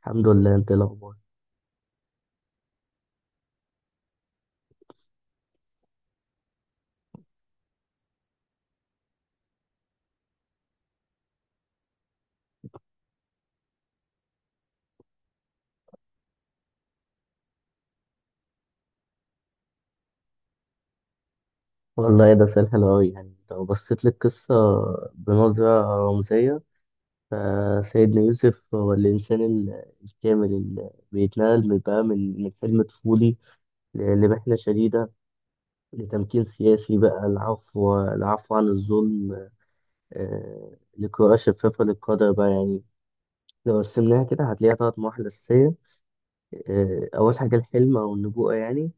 الحمد لله. انت ايه الاخبار؟ والله ايه ده سؤال حلو قوي. يعني لو بصيت للقصه بنظره رمزيه، فسيدنا يوسف هو الانسان الكامل اللي بيتنقل من بقى من حلم طفولي لمحنه شديده، لتمكين سياسي بقى، العفو عن الظلم، لقراءه شفافه للقدر بقى يعني. لو قسمناها كده هتلاقيها تلات مراحل أساسية. أول حاجة الحلم أو النبوءة يعني.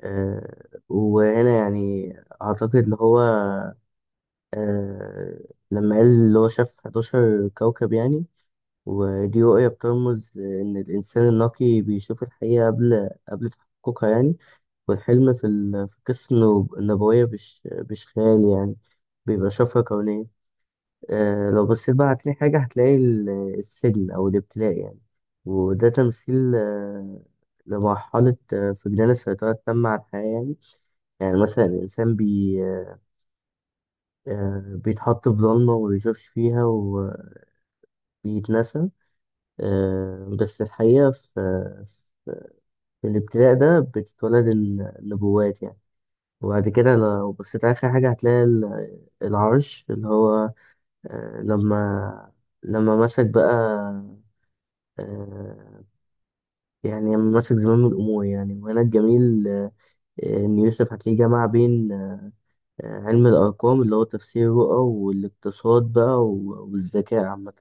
آه، وهنا يعني أعتقد اللي هو، آه لما قال اللي هو شاف 11 كوكب يعني. ودي رؤية بترمز إن الإنسان النقي بيشوف الحقيقة قبل تحققها يعني. والحلم في القصة النبوية مش خيال يعني، بيبقى شفرة كونية. آه لو بصيت بقى هتلاقي حاجة، هتلاقي السجن أو الابتلاء يعني. وده تمثيل لمرحلة فقدان السيطرة التامة على الحياة يعني. يعني مثلا الإنسان بيتحط في ضلمة وما بيشوفش فيها وبيتنسى. بس الحقيقة في الابتلاء ده بتتولد النبوات يعني. وبعد كده لو بصيت على آخر حاجة هتلاقي العرش اللي هو، لما لما مسك بقى، آه، يعني لما مسك زمام الأمور يعني. وهنا الجميل إن يوسف هتلاقيه جمع بين علم الأرقام اللي هو تفسير الرؤى والاقتصاد بقى والذكاء عامة.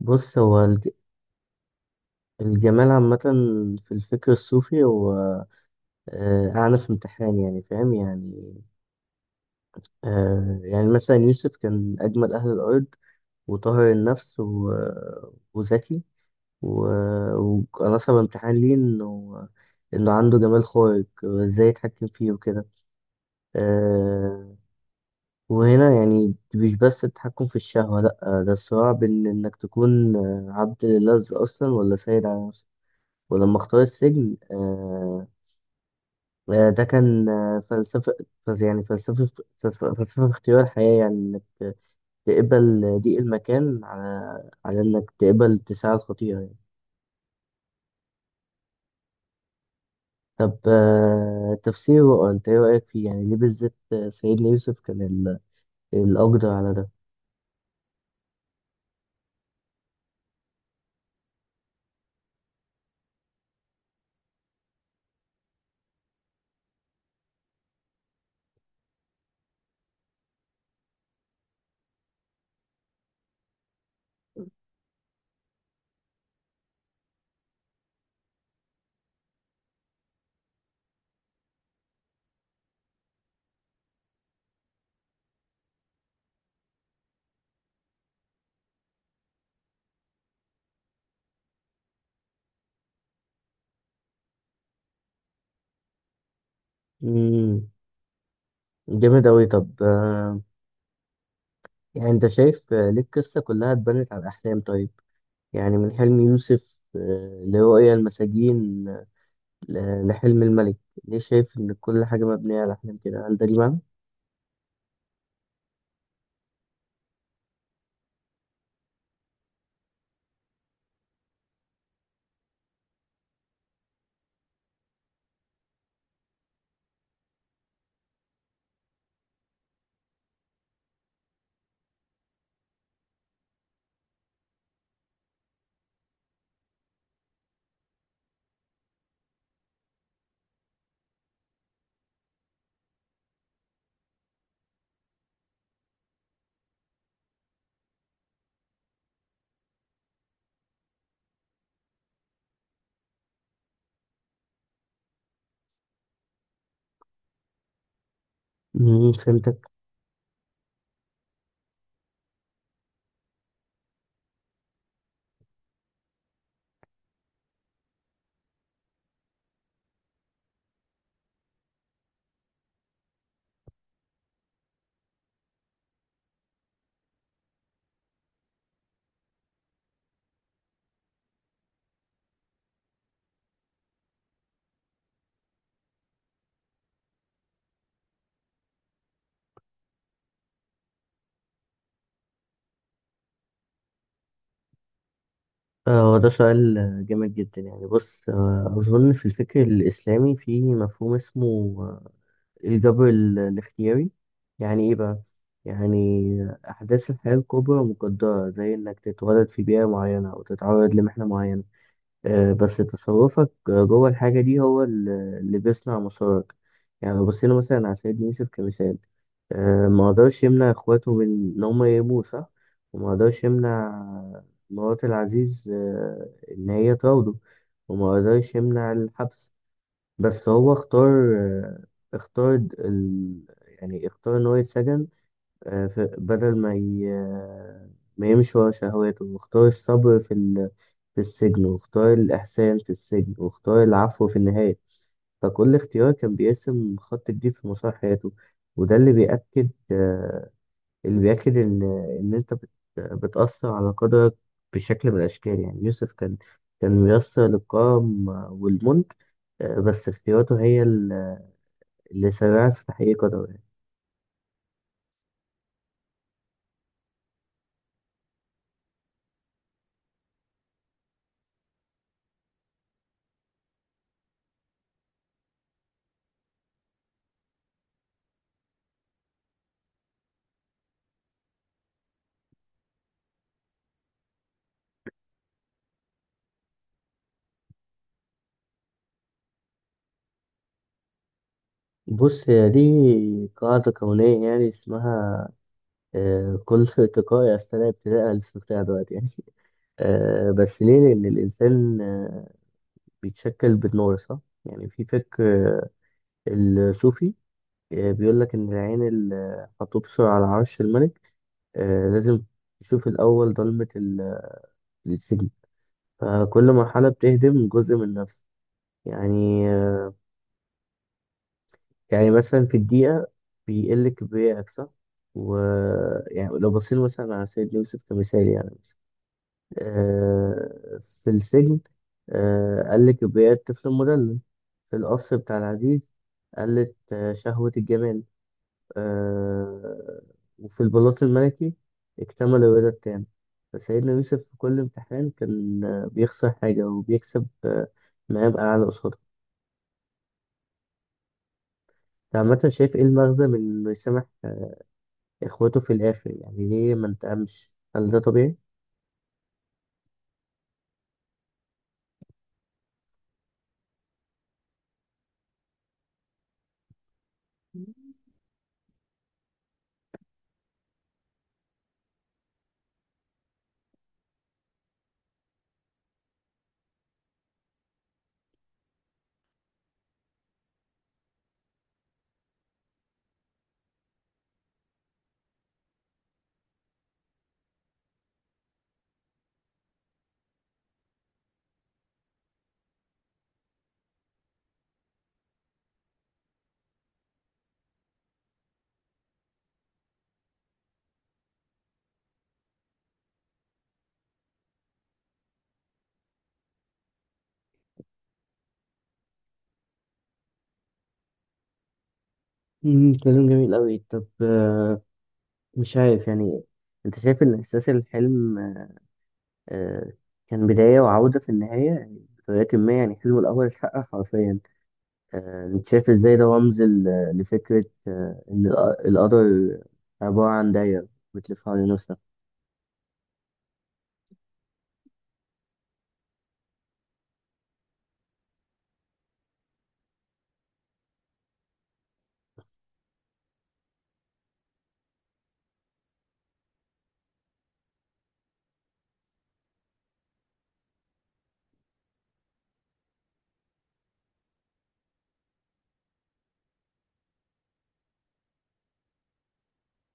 بص، هو الجمال عامة في الفكر الصوفي هو أعنى في امتحان يعني، فاهم يعني. يعني مثلا يوسف كان أجمل أهل الأرض وطاهر النفس وذكي، وكان أصعب امتحان ليه إنه عنده جمال خارق وإزاي يتحكم فيه وكده. آه، وهنا يعني مش بس التحكم في الشهوة، لأ، ده الصراع بين إنك تكون عبد لله أصلا ولا سيد على نفسك. ولما اختار السجن، ده كان فلسفة، فلس- يعني فلسفة فلسفة في اختيار الحياة يعني. إنك تقبل ضيق المكان على إنك تقبل اتساع الخطيئة يعني. طب تفسيره أنت إيه رأيك فيه؟ يعني ليه بالذات سيدنا يوسف كان الأقدر على ده؟ مم. جامد أوي. طب يعني أنت شايف ليه القصة كلها اتبنت على الأحلام طيب؟ يعني من حلم يوسف لرؤيا المساجين لحلم الملك. ليه شايف إن كل حاجة مبنية على أحلام كده؟ هل ده ليه معنى؟ مم، فهمتك. هو ده سؤال جامد جدا يعني. بص أظن في الفكر الإسلامي في مفهوم اسمه الجبر الاختياري. يعني إيه بقى؟ يعني أحداث الحياة الكبرى مقدرة، زي إنك تتولد في بيئة معينة أو تتعرض لمحنة معينة، بس تصرفك جوه الحاجة دي هو اللي بيصنع مسارك. يعني لو بصينا مثلا على سيد يوسف كمثال، ما قدرش يمنع اخواته من ان هم يهاجموه، صح؟ وما قدرش يمنع مرات العزيز ان هي تراوده، وما قدرش يمنع الحبس. بس هو اختار، اختار د- ال... يعني اختار ان هو يتسجن. بدل ما ي... آه، ما يمشي ورا شهواته، واختار الصبر في في السجن، واختار الإحسان في السجن، واختار العفو في النهاية. فكل اختيار كان بيرسم خط جديد في مسار حياته. وده اللي بيأكد اللي بيأكد إن أنت بتأثر على قدرك بشكل من الأشكال. يعني يوسف كان ميسر للكرم والملك، بس اختياراته هي اللي سرعت في تحقيق قدره. بص، هي دي قاعدة كونية يعني، اسمها كل ارتقاء يستدعي ابتداء الاستقطاع دلوقتي يعني. بس ليه؟ لأن الإنسان بيتشكل بالنور، صح؟ يعني في فكر آه، الصوفي بيقول لك إن العين اللي هتبصر على عرش الملك لازم تشوف الأول ضلمة السجن. فكل مرحلة بتهدم جزء من النفس. يعني آه، يعني مثلا في الدقيقة بيقل كبريائك، صح؟ و يعني لو بصينا مثلا على سيد يوسف كمثال، يعني مثلا آه في السجن آه قل كبرياء الطفل المدلل، في القصر بتاع العزيز قلت شهوة الجمال، آه وفي البلاط الملكي اكتمل الرضا التام. فسيدنا يوسف في كل امتحان كان بيخسر حاجة وبيكسب مقام أعلى قصاده. أنت عامة شايف إيه المغزى من إنه يسامح اخوته في الاخر؟ يعني ليه ما انتقمش؟ هل ده طبيعي؟ مم، كلام جميل قوي. طب مش عارف يعني، انت شايف ان احساس الحلم آه، كان بداية وعودة في النهاية يعني، بطريقة ما يعني حلمه الأول اتحقق حرفيا. انت شايف ازاي ده رمز لفكرة ان القدر عبارة عن دايرة بتلف حوالين نفسها؟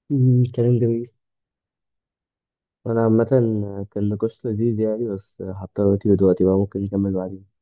مم، كلام جميل. وأنا عامة كان نقاش لذيذ يعني. بس هضطر أطير دلوقتي بقى، ممكن نكمل بعدين.